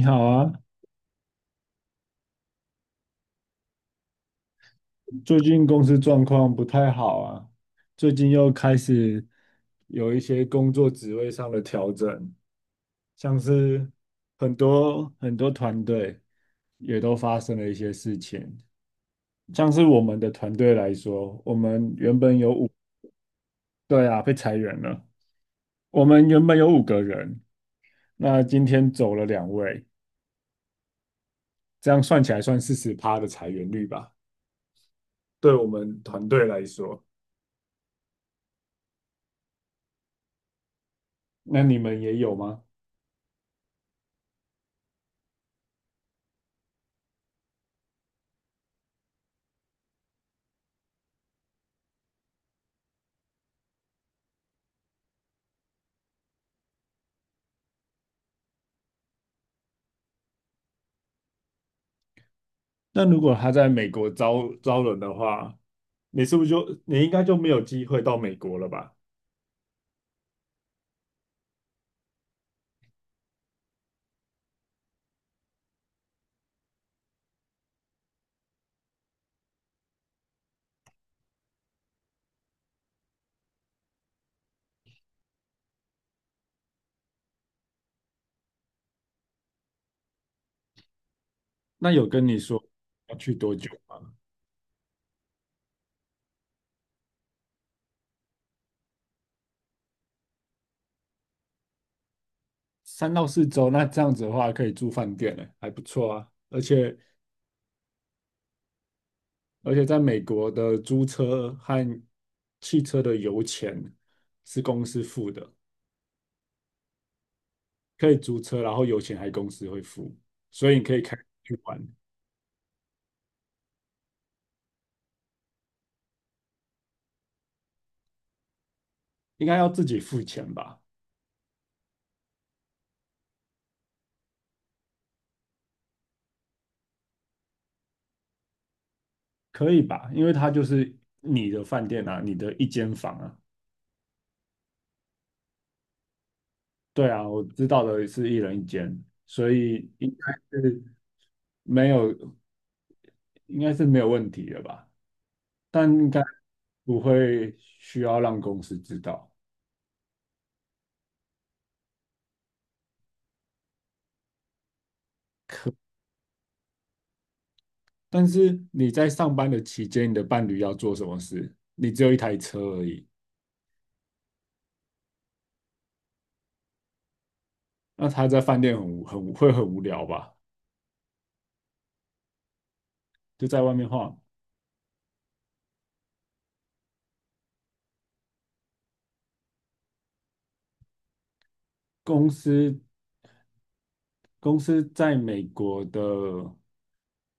你好啊，最近公司状况不太好啊，最近又开始有一些工作职位上的调整，像是很多很多团队也都发生了一些事情，像是我们的团队来说，我们原本有五，对啊，被裁员了，我们原本有五个人，那今天走了两位，这样算起来算40%的裁员率吧，对我们团队来说，那你们也有吗？那如果他在美国招人的话，你是不是就你应该就没有机会到美国了吧？那有跟你说要去多久吗？3到4周，那这样子的话可以住饭店呢，还不错啊。而且在美国的租车和汽车的油钱是公司付的，可以租车，然后油钱还公司会付，所以你可以开去玩，应该要自己付钱吧？可以吧？因为它就是你的饭店啊，你的一间房啊。对啊，我知道的是一人一间，所以是没有，应该是没有问题的吧？但应该不会需要让公司知道。但是你在上班的期间，你的伴侣要做什么事？你只有一台车而已，那他在饭店很无聊吧？就在外面晃。公司公司在美国的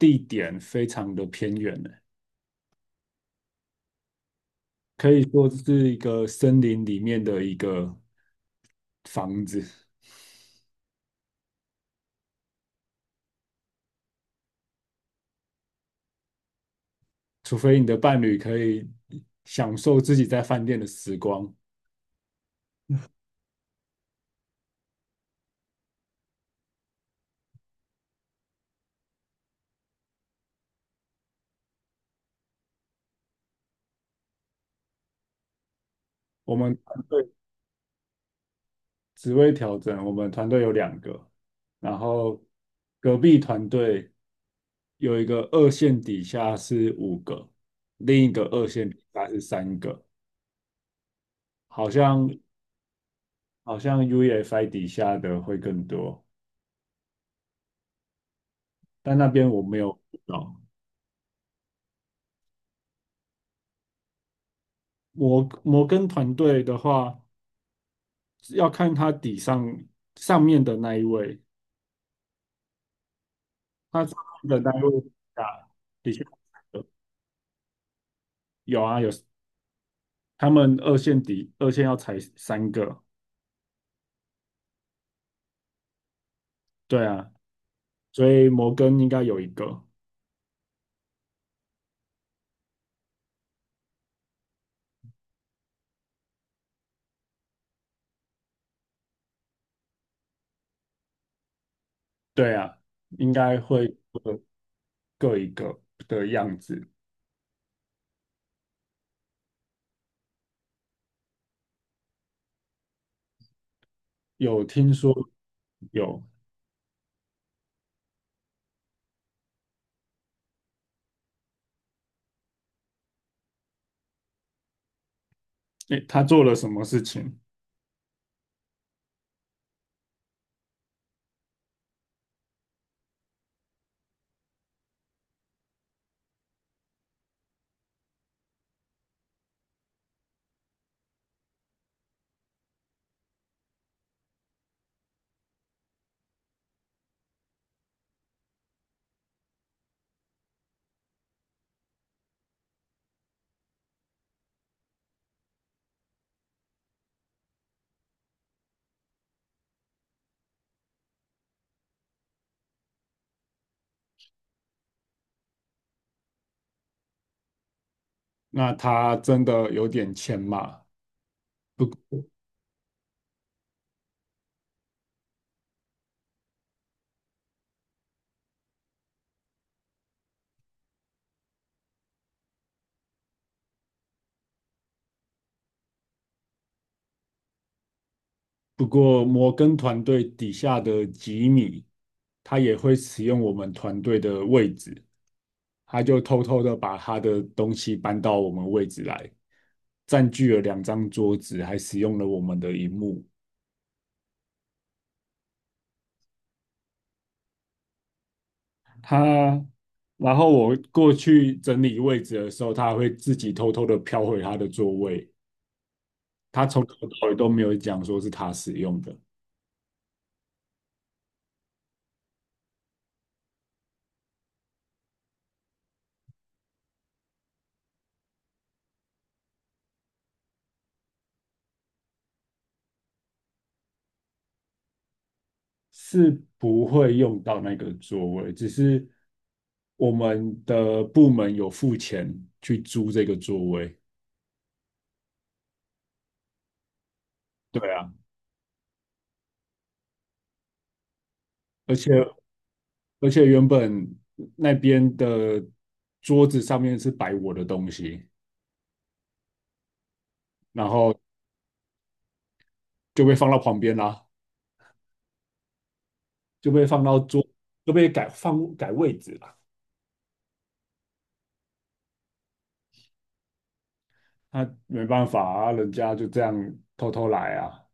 地点非常的偏远呢。可以说这是一个森林里面的一个房子，除非你的伴侣可以享受自己在饭店的时光。我们团队职位调整，我们团队有两个，然后隔壁团队有一个二线底下是五个，另一个二线底下是三个，好像好像 UEFI 底下的会更多，但那边我没有遇到。我跟团队的话。要看它上面的那一位，它上面的那一位啊，底下有有，他们二线要踩三个，对啊，所以摩根应该有一个，对啊，应该会各各一个的样子。有听说有，诶，他做了什么事情？那他真的有点钱嘛？不过摩根团队底下的吉米，他也会使用我们团队的位置，他就偷偷的把他的东西搬到我们位置来，占据了两张桌子，还使用了我们的荧幕。他，然后我过去整理位置的时候，他还会自己偷偷的飘回他的座位。他从头到尾都没有讲说是他使用的，是不会用到那个座位，只是我们的部门有付钱去租这个座位。对啊，而且而且原本那边的桌子上面是摆我的东西，然后就被放到旁边啦，就被放到桌，就被改放改位置啦。那没办法啊，人家就这样偷偷来啊。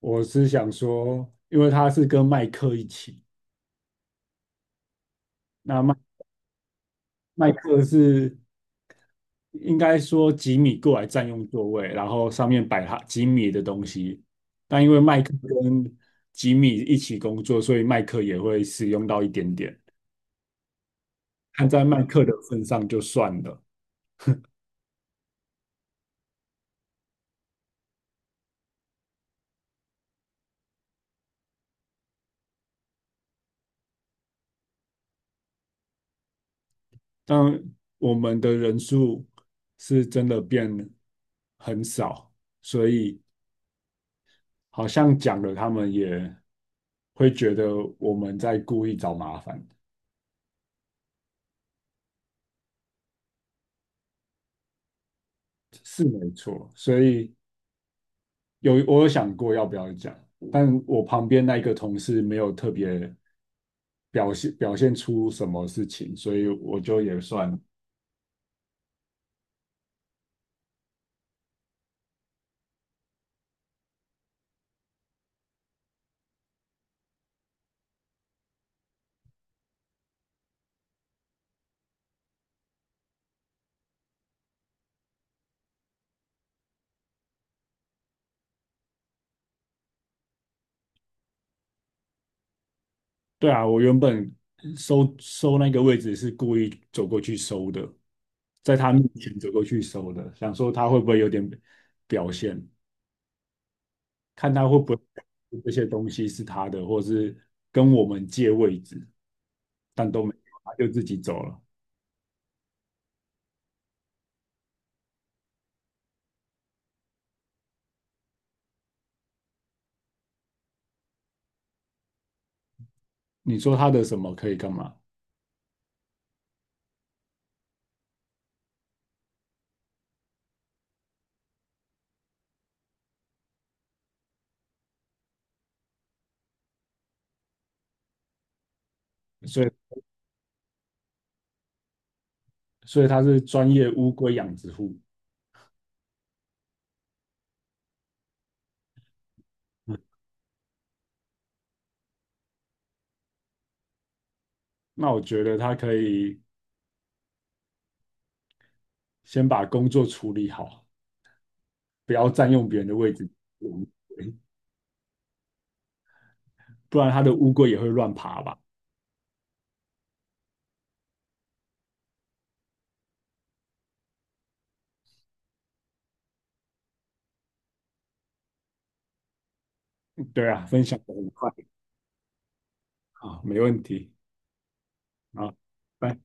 我是想说，因为他是跟麦克一起，那麦麦克是应该说吉米过来占用座位，然后上面摆他吉米的东西。但因为麦克跟吉米一起工作，所以麦克也会使用到一点点。看在麦克的份上就算了。但我们的人数是真的变很少，所以好像讲了，他们也会觉得我们在故意找麻烦，是没错。所以有我有想过要不要讲，但我旁边那一个同事没有特别表现出什么事情，所以我就也算对啊，我原本收收那个位置是故意走过去收的，在他面前走过去收的，想说他会不会有点表现，看他会不会这些东西是他的，或是跟我们借位置，但都没有，他就自己走了。你说他的什么可以干嘛？所以，所以他是专业乌龟养殖户。嗯那我觉得他可以先把工作处理好，不要占用别人的位置，不然他的乌龟也会乱爬吧。对啊，分享的很快啊，没问题啊，拜。